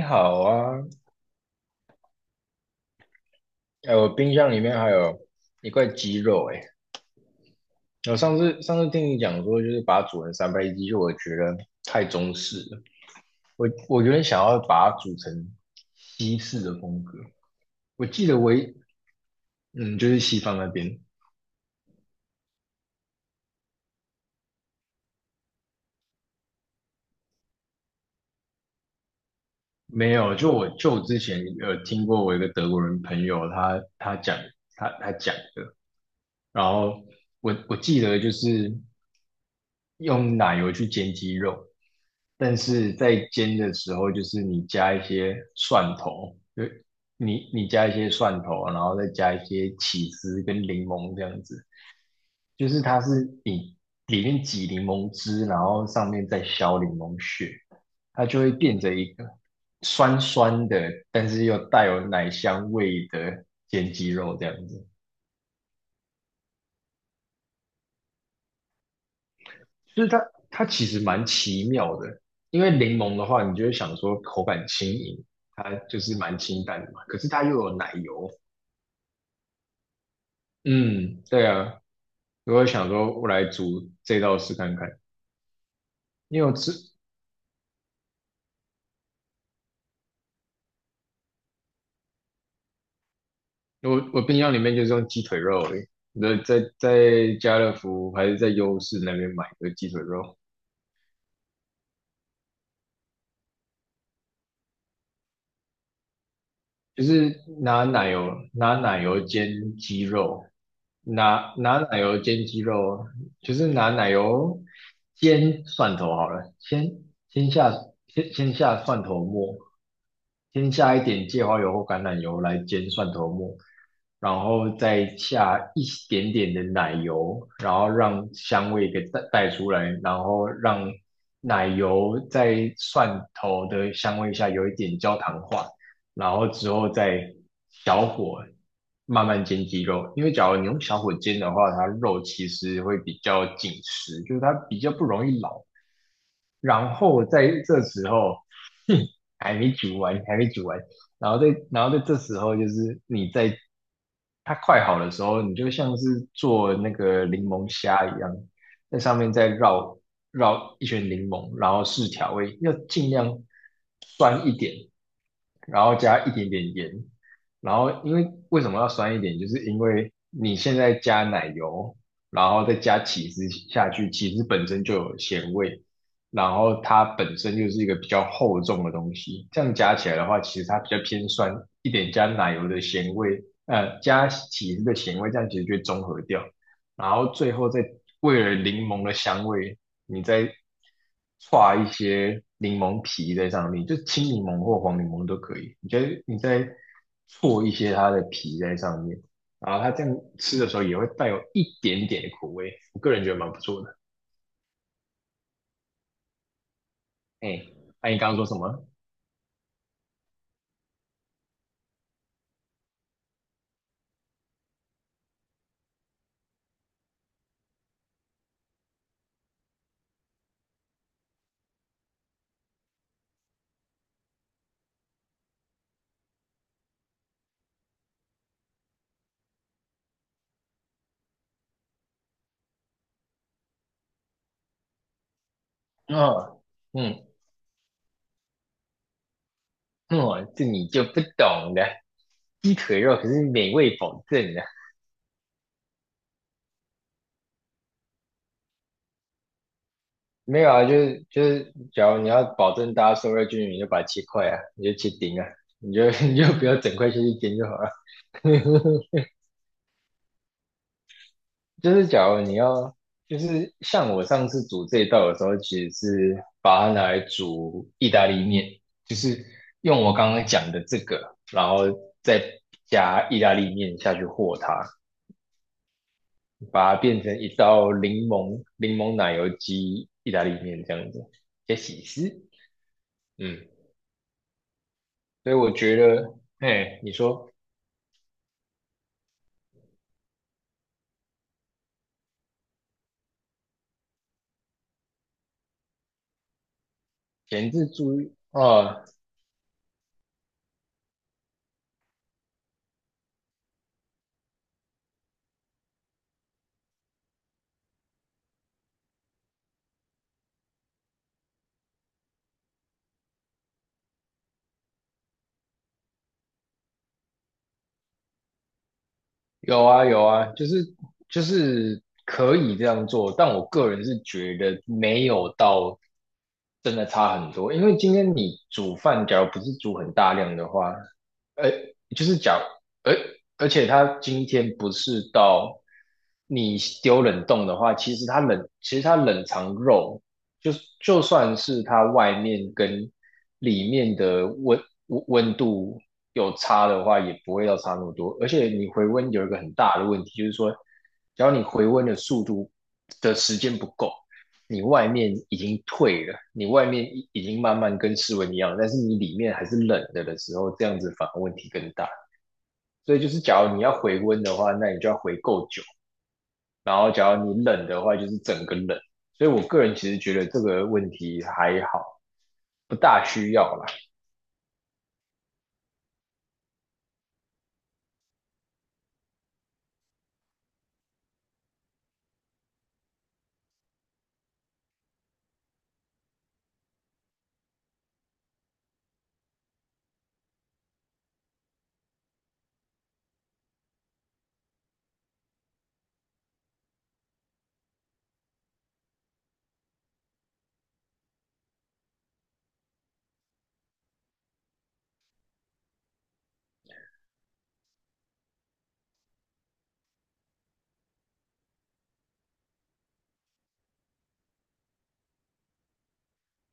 你好啊。哎，我冰箱里面还有一块鸡肉，哎，我上次听你讲说，就是把它煮成三杯鸡，就我觉得太中式了。我有点想要把它煮成西式的风格。我记得我一嗯，就是西方那边。没有，就我之前有听过我一个德国人朋友他讲他讲的，然后我记得就是。用奶油去煎鸡肉，但是在煎的时候，就是你加一些蒜头，就你加一些蒜头，然后再加一些起司跟柠檬这样子。就是它是你里面挤柠檬汁，然后上面再削柠檬屑，它就会变成一个酸酸的，但是又带有奶香味的煎鸡肉这样子。就是它其实蛮奇妙的，因为柠檬的话，你就会想说口感轻盈，它就是蛮清淡的嘛，可是它又有奶油。嗯，对啊，我会想说我来煮这道试看看，因为我吃我冰箱里面就是用鸡腿肉而已，那在家乐福还是在优势那边买的鸡腿肉。就是拿奶油煎鸡肉，拿奶油煎鸡肉，就是拿奶油煎蒜头好了，先下先下蒜头末，先下一点芥花油或橄榄油来煎蒜头末，然后再下一点点的奶油，然后让香味给带出来，然后让奶油在蒜头的香味下有一点焦糖化，然后之后再小火慢慢煎鸡肉。因为假如你用小火煎的话，它肉其实会比较紧实，就是它比较不容易老。然后在这时候，哼，还没煮完，还没煮完，然后在这时候，就是你在它快好的时候，你就像是做那个柠檬虾一样，在上面再绕一圈柠檬，然后试调味，要尽量酸一点，然后加一点点盐，然后因为为什么要酸一点，就是因为你现在加奶油。然后再加起司下去，起司本身就有咸味，然后它本身就是一个比较厚重的东西，这样加起来的话，其实它比较偏酸一点，加奶油的咸味，加起司的咸味，这样其实就会中和掉。然后最后再为了柠檬的香味，你再刷一些柠檬皮在上面，就青柠檬或黄柠檬都可以。你觉得你再搓一些它的皮在上面，然后它这样吃的时候也会带有一点点的苦味。我个人觉得蛮不错的。哎，那、你刚刚说什么？哦，嗯，哦，这你就不懂了。鸡腿肉可是美味保证的。没有啊，就是，假如你要保证大家受热均匀，你就把它切块啊，你就切丁啊，你就 你就不要整块下去煎就好了。就是假如你要，就是像我上次煮这一道的时候，其实是把它拿来煮意大利面，就是用我刚刚讲的这个，然后再加意大利面下去和它，把它变成一道柠檬奶油鸡意大利面这样子，加起司。嗯，所以我觉得，哎，你说前置猪啊，哦，有啊有啊，就是就是可以这样做，但我个人是觉得没有到真的差很多，因为今天你煮饭，假如不是煮很大量的话，呃，就是讲，而而且它今天不是到你丢冷冻的话，其实它冷藏肉就就算是它外面跟里面的温度有差的话，也不会要差那么多。而且你回温有一个很大的问题，就是说，只要你回温的速度的时间不够，你外面已经退了，你外面已经慢慢跟室温一样，但是你里面还是冷的的时候，这样子反而问题更大。所以就是，假如你要回温的话，那你就要回够久，然后假如你冷的话，就是整个冷。所以我个人其实觉得这个问题还好，不大需要啦。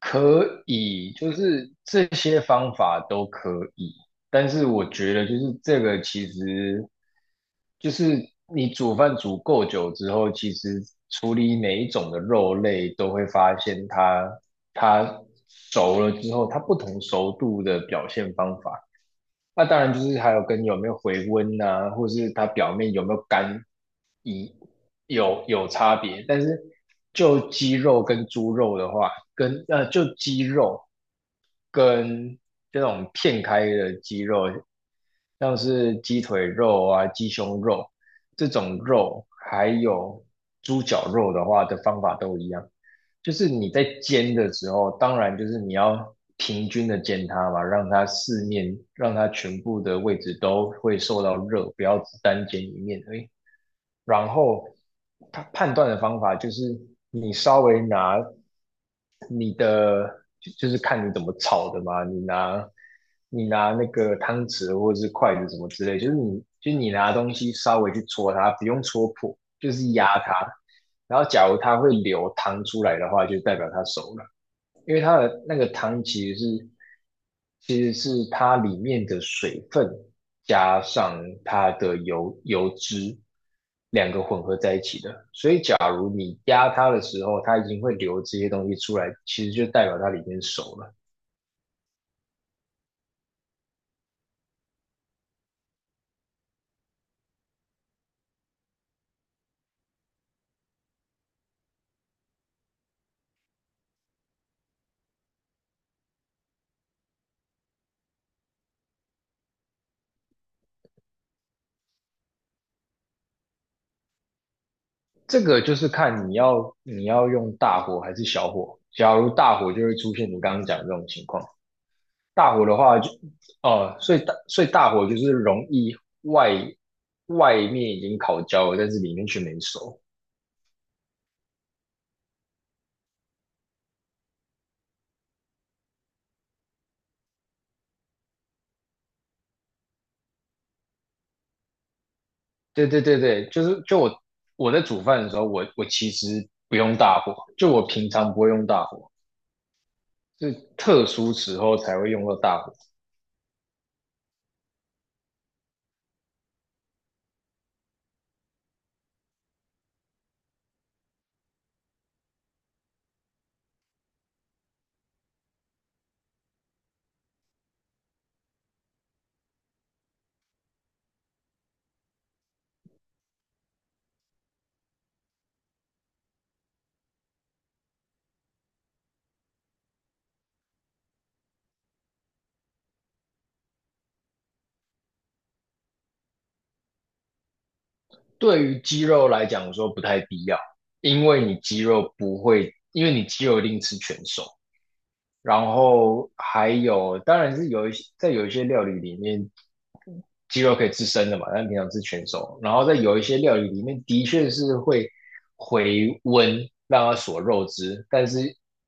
可以，就是这些方法都可以。但是我觉得就是这个其实就是你煮饭煮够久之后，其实处理每一种的肉类都会发现它熟了之后，它不同熟度的表现方法那当然就是还有跟有没有回温啊，或者是它表面有没有干，一有差别。但是就鸡肉跟猪肉的话，跟就鸡肉跟这种片开的鸡肉，像是鸡腿肉啊、鸡胸肉这种肉，还有猪脚肉的话的方法都一样，就是你在煎的时候，当然就是你要平均的煎它嘛，让它四面，让它全部的位置都会受到热，不要只单煎一面而已。然后他判断的方法就是你稍微拿你的，就是看你怎么炒的嘛，你拿那个汤匙或者是筷子什么之类，就是你拿东西稍微去戳它，不用戳破，就是压它。然后假如它会流汤出来的话，就代表它熟了。因为它的那个汤其实是它里面的水分加上它的油脂两个混合在一起的，所以假如你压它的时候，它已经会流这些东西出来，其实就代表它里面熟了。这个就是看你要用大火还是小火。假如大火就会出现你刚刚讲的这种情况，大火的话就，哦，所以大火就是容易外外面已经烤焦了，但是里面却没熟。对对对对，就是就我在煮饭的时候，我其实不用大火，就我平常不会用大火，是特殊时候才会用到大火。对于鸡肉来讲，我说不太必要，因为你鸡肉不会，因为你鸡肉一定吃全熟，然后还有，当然是有一些有一些料理里面，鸡肉可以吃生的嘛，但平常吃全熟。然后在有一些料理里面，的确是会回温让它锁肉汁，但是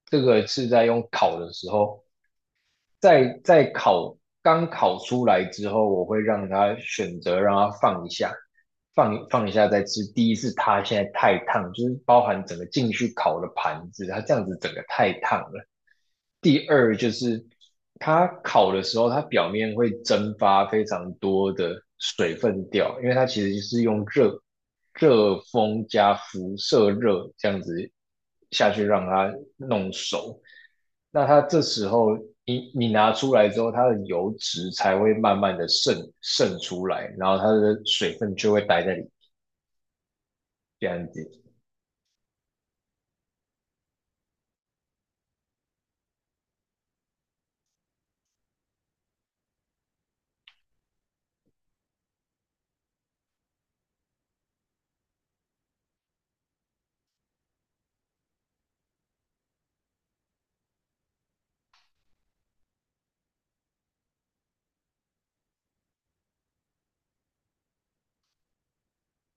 这个是在用烤的时候，在烤刚烤出来之后，我会让它选择让它放一下，放一下再吃。第一是它现在太烫，就是包含整个进去烤的盘子，它这样子整个太烫了。第二就是它烤的时候，它表面会蒸发非常多的水分掉，因为它其实就是用热风加辐射热这样子下去让它弄熟。那它这时候你拿出来之后，它的油脂才会慢慢的渗出来，然后它的水分就会待在里这样子。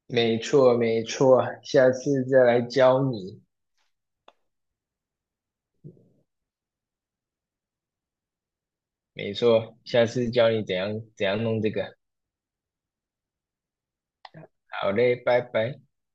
没错，没错，下次再来教你。没错，下次教你怎样弄这个。好嘞，拜拜。